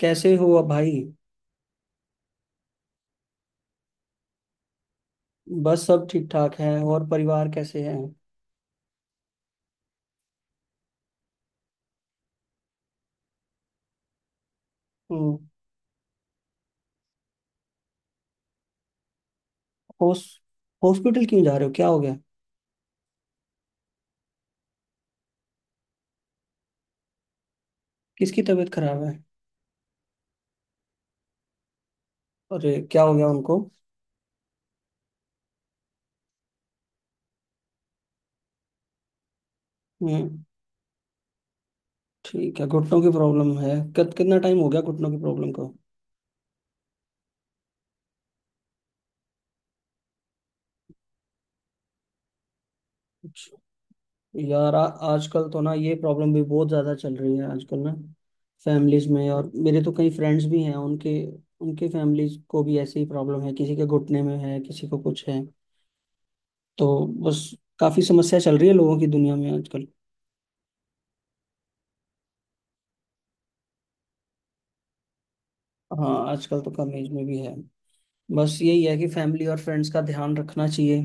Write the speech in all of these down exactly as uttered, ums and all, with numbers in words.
कैसे हो अब भाई। बस सब ठीक ठाक है और परिवार कैसे है। हम्म। होस हॉस्पिटल क्यों जा रहे हो क्या हो गया। किसकी तबीयत खराब है। अरे क्या हो गया उनको। हम्म। ठीक है घुटनों की प्रॉब्लम है कित, कितना टाइम हो गया घुटनों की प्रॉब्लम को। अच्छा। यार, आ, आजकल तो ना ये प्रॉब्लम भी बहुत ज़्यादा चल रही है आजकल ना। फैमिलीज में और मेरे तो कई फ्रेंड्स भी हैं उनके। उनके फैमिलीज को भी ऐसी ही प्रॉब्लम है किसी के घुटने में है किसी को कुछ है। तो बस काफ़ी समस्या चल रही है लोगों की दुनिया में आजकल। हाँ आजकल तो कम एज में भी है। बस यही है कि फैमिली और फ्रेंड्स का ध्यान रखना चाहिए।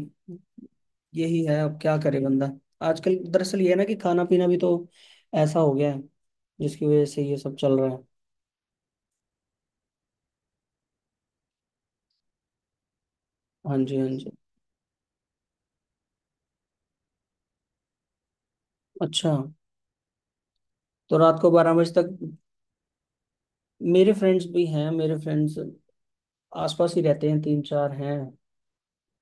यही है अब क्या करे बंदा। आजकल दरअसल ये है ना कि खाना पीना भी तो ऐसा हो गया है जिसकी वजह से ये सब चल रहा है। हाँ जी, हाँ जी। अच्छा। तो रात को बारह बजे तक। मेरे फ्रेंड्स भी हैं। मेरे फ्रेंड्स आसपास ही रहते हैं तीन चार हैं।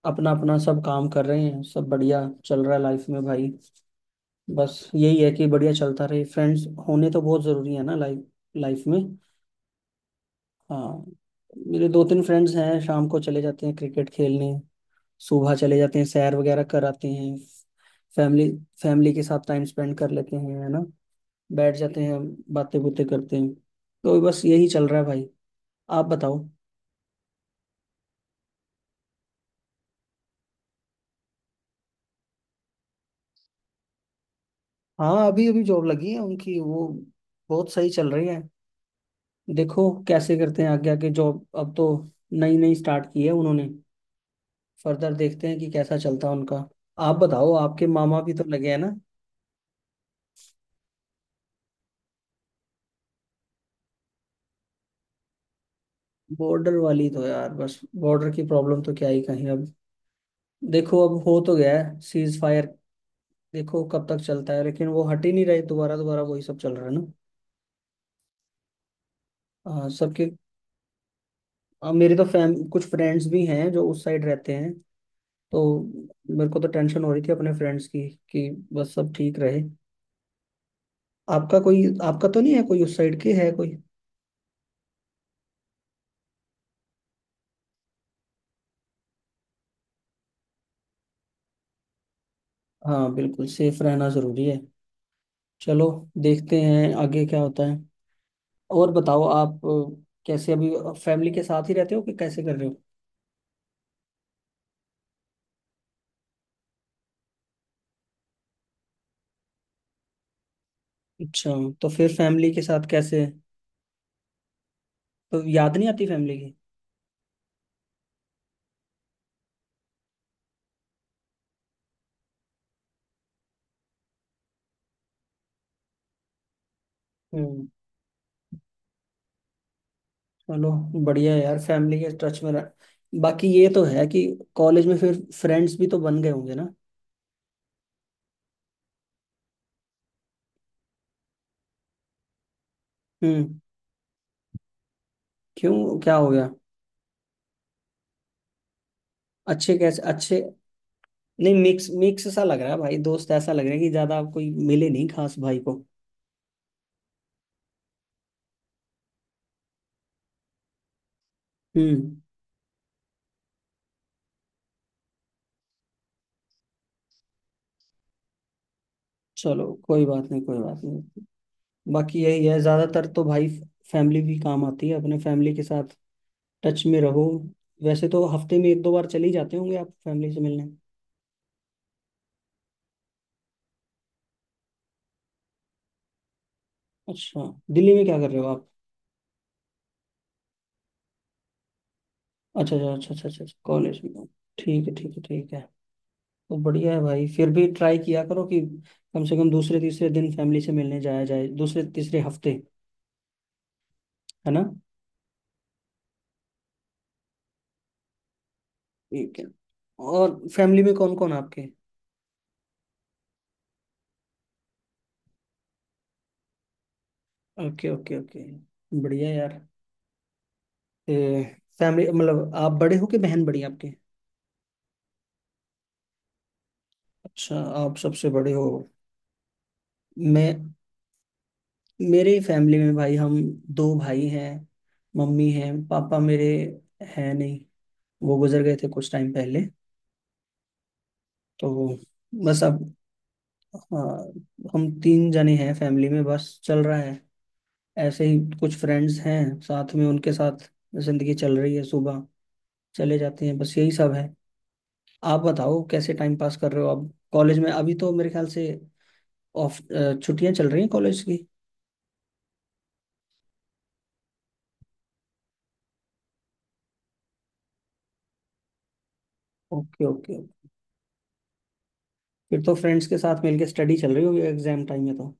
अपना अपना सब काम कर रहे हैं सब बढ़िया चल रहा है लाइफ में भाई। बस यही है कि बढ़िया चलता रहे फ्रेंड्स होने तो बहुत जरूरी है ना लाइफ लाइफ में। हाँ। मेरे दो तीन फ्रेंड्स हैं शाम को चले जाते हैं क्रिकेट खेलने। सुबह चले जाते हैं सैर वगैरह कर आते हैं। फैमिली फैमिली के साथ टाइम स्पेंड कर लेते हैं है ना। बैठ जाते हैं। बातें बुतें करते हैं। तो बस यही चल रहा है भाई। आप बताओ। हाँ अभी अभी जॉब लगी है उनकी वो। बहुत सही चल रही है। देखो कैसे करते हैं आगे आगे जॉब अब तो। नई नई स्टार्ट की है उन्होंने। फर्दर देखते हैं कि कैसा चलता है उनका। आप बताओ आपके मामा भी तो लगे हैं ना। बॉर्डर वाली तो यार, बस बॉर्डर की प्रॉब्लम तो क्या ही कहीं अब। देखो अब हो तो गया है सीज फायर। देखो कब तक चलता है लेकिन वो हट ही नहीं रही दोबारा दोबारा वही सब चल रहा है ना। आ, सबके आ, मेरे तो फैम कुछ फ्रेंड्स भी हैं जो उस साइड रहते हैं। तो मेरे को तो टेंशन हो रही थी अपने फ्रेंड्स की कि बस सब ठीक रहे। आपका कोई, आपका तो नहीं है कोई उस साइड के, है कोई। हाँ बिल्कुल सेफ रहना जरूरी है। चलो। देखते हैं आगे क्या होता है। और बताओ आप अ, कैसे अभी फैमिली के साथ ही रहते हो कि कैसे कर रहे हो। अच्छा। तो फिर फैमिली के साथ कैसे। तो याद नहीं आती फैमिली की। हम्म। चलो। बढ़िया है यार फैमिली के टच में रह। बाकी ये तो है कि कॉलेज में फिर फ्रेंड्स भी तो बन गए होंगे ना। हम्म। क्यों क्या हो गया। अच्छे, कैसे अच्छे। नहीं मिक्स मिक्स सा लग रहा है भाई दोस्त, ऐसा लग रहा है कि ज्यादा कोई मिले नहीं खास भाई को। हम्म। चलो कोई बात नहीं, कोई बात नहीं। बाकी यही है ज्यादातर तो भाई। फैमिली भी काम आती है अपने फैमिली के साथ टच में रहो। वैसे तो हफ्ते में एक दो बार चले ही जाते होंगे आप फैमिली से मिलने। अच्छा। दिल्ली में क्या कर रहे हो आप। अच्छा अच्छा अच्छा, अच्छा अच्छा अच्छा, कॉलेज में हो। ठीक है, ठीक है, ठीक है। तो बढ़िया है भाई फिर भी ट्राई किया करो कि कम से कम दूसरे तीसरे दिन फैमिली से मिलने जाया जाए दूसरे तीसरे हफ्ते, है ना। ठीक है। और फैमिली में कौन कौन आपके। Okay okay okay. बढ़िया यार। फैमिली मतलब आप बड़े हो कि बहन बड़ी है आपके। अच्छा आप सबसे बड़े हो। मैं मेरे फैमिली में भाई, हम दो भाई हैं। मम्मी हैं, पापा मेरे हैं नहीं। वो गुजर गए थे कुछ टाइम पहले। तो बस अब। हाँ। हम तीन जने हैं फैमिली में बस चल रहा है। ऐसे ही कुछ फ्रेंड्स हैं साथ में उनके साथ जिंदगी चल रही है। सुबह चले जाते हैं बस यही सब है। आप बताओ कैसे टाइम पास कर रहे हो आप कॉलेज में अभी तो मेरे ख्याल से ऑफ छुट्टियां चल रही हैं कॉलेज की। Okay okay. फिर तो फ्रेंड्स के साथ मिलके स्टडी चल रही होगी एग्जाम टाइम में तो।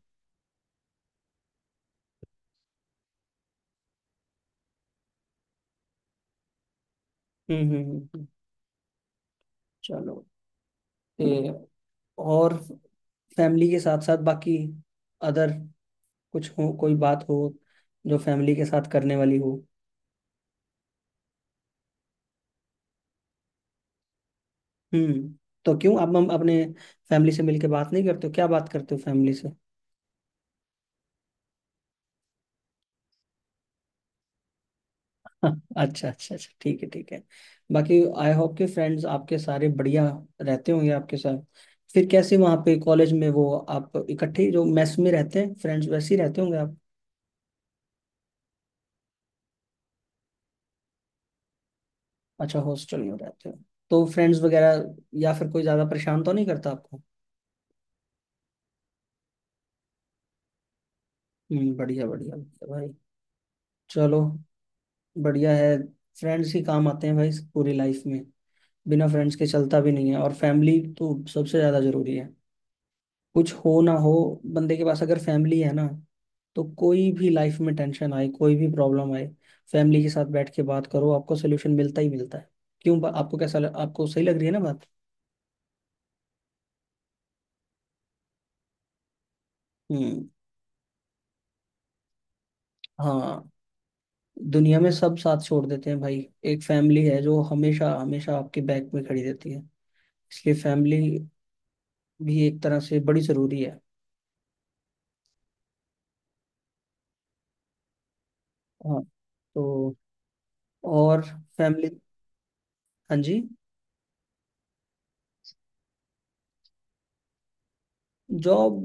हम्म हम्म हम्म, हम्म। चलो। ते और फैमिली के साथ साथ बाकी अदर कुछ हो, कोई बात हो जो फैमिली के साथ करने वाली हो। हम्म। तो क्यों आप, हम अपने फैमिली से मिलके बात नहीं करते हो, क्या बात करते हो फैमिली से। हाँ, अच्छा अच्छा अच्छा, ठीक है ठीक है। बाकी आई होप के फ्रेंड्स आपके सारे बढ़िया रहते होंगे आपके साथ। फिर कैसे वहाँ पे कॉलेज में वो आप इकट्ठे ही जो मेस में रहते हैं फ्रेंड्स वैसे ही रहते होंगे आप। अच्छा हॉस्टल में रहते हो। तो फ्रेंड्स वगैरह या फिर कोई ज्यादा परेशान तो नहीं करता आपको। हम्म। बढ़िया बढ़िया बढ़िया भाई। चलो। बढ़िया है। फ्रेंड्स ही काम आते हैं भाई पूरी लाइफ में। बिना फ्रेंड्स के चलता भी नहीं है और फैमिली तो सबसे ज्यादा जरूरी है। कुछ हो ना हो, बंदे के पास अगर फैमिली है ना, तो कोई भी लाइफ में टेंशन आए, कोई भी प्रॉब्लम आए, फैमिली के साथ बैठ के बात करो, आपको सोल्यूशन मिलता ही मिलता है। क्यों बा- आपको कैसा लग, आपको सही लग रही है ना बात। हम्म। हाँ। दुनिया में सब साथ छोड़ देते हैं भाई। एक फैमिली है जो हमेशा हमेशा आपके बैक में खड़ी रहती है। इसलिए फैमिली भी एक तरह से बड़ी जरूरी है। हाँ। तो और फैमिली। हाँ जी। जॉब।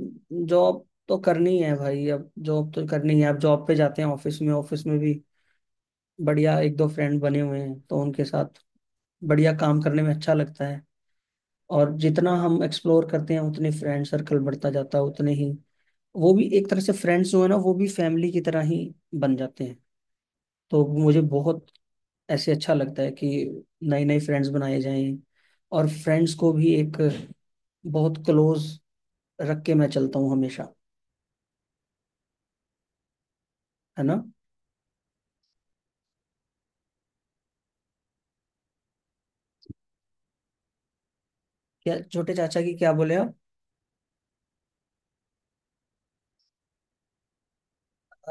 जॉब तो करनी है भाई, अब जॉब तो करनी है, अब जॉब पे जाते हैं ऑफिस में, ऑफिस में भी बढ़िया एक दो फ्रेंड बने हुए हैं तो उनके साथ बढ़िया काम करने में अच्छा लगता है। और जितना हम एक्सप्लोर करते हैं उतने फ्रेंड सर्कल बढ़ता जाता है, उतने ही वो भी एक तरह से फ्रेंड्स जो है ना वो भी फैमिली की तरह ही बन जाते हैं। तो मुझे बहुत ऐसे अच्छा लगता है कि नए नए फ्रेंड्स बनाए जाएं और फ्रेंड्स को भी एक बहुत क्लोज रख के मैं चलता हूँ हमेशा, है ना। क्या छोटे चाचा की क्या बोले आप।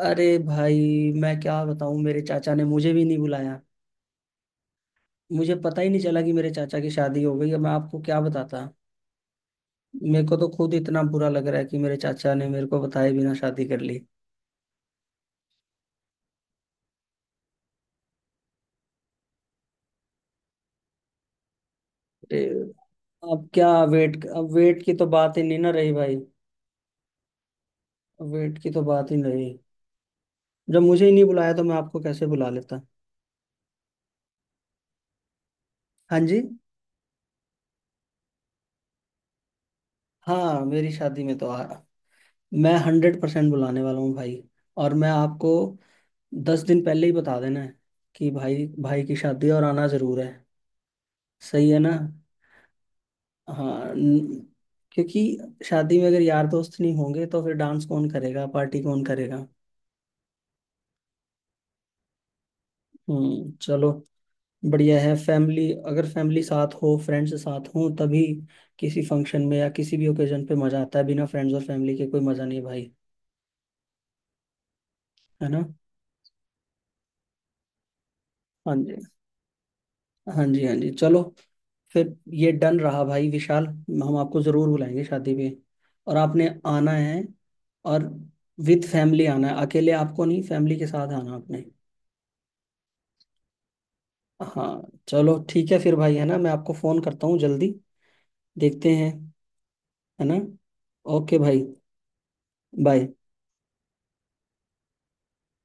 अरे भाई मैं क्या बताऊं मेरे चाचा ने मुझे भी नहीं बुलाया। मुझे पता ही नहीं चला कि मेरे चाचा की शादी हो गई, अब मैं आपको क्या बताता। मेरे को तो खुद इतना बुरा लग रहा है कि मेरे चाचा ने मेरे को बताए बिना शादी कर ली। अरे। अब क्या वेट, अब वेट की तो बात ही नहीं ना रही भाई। अब वेट की तो बात ही नहीं रही। जब मुझे ही नहीं बुलाया तो मैं आपको कैसे बुला लेता। हाँ जी। हाँ मेरी शादी में तो आ, मैं हंड्रेड परसेंट बुलाने वाला हूँ भाई। और मैं आपको दस दिन पहले ही बता देना है कि भाई, भाई की शादी है और आना जरूर है। सही है ना। हाँ न- क्योंकि शादी में अगर यार दोस्त नहीं होंगे तो फिर डांस कौन करेगा, पार्टी कौन करेगा। हम्म। चलो। बढ़िया है फैमिली, अगर फैमिली साथ हो फ्रेंड्स साथ हो तभी किसी फंक्शन में या किसी भी ओकेजन पे मजा आता है, बिना फ्रेंड्स और फैमिली के कोई मजा नहीं भाई, है ना। हाँ जी, हाँ जी, हाँ जी। चलो। फिर ये डन रहा भाई विशाल। हम आपको जरूर बुलाएंगे शादी पे। और आपने आना है, और विद फैमिली आना है, अकेले आपको नहीं, फैमिली के साथ आना आपने। हाँ। चलो ठीक है फिर भाई, है ना, मैं आपको फोन करता हूँ जल्दी। देखते हैं। है ना। ओके भाई। बाय।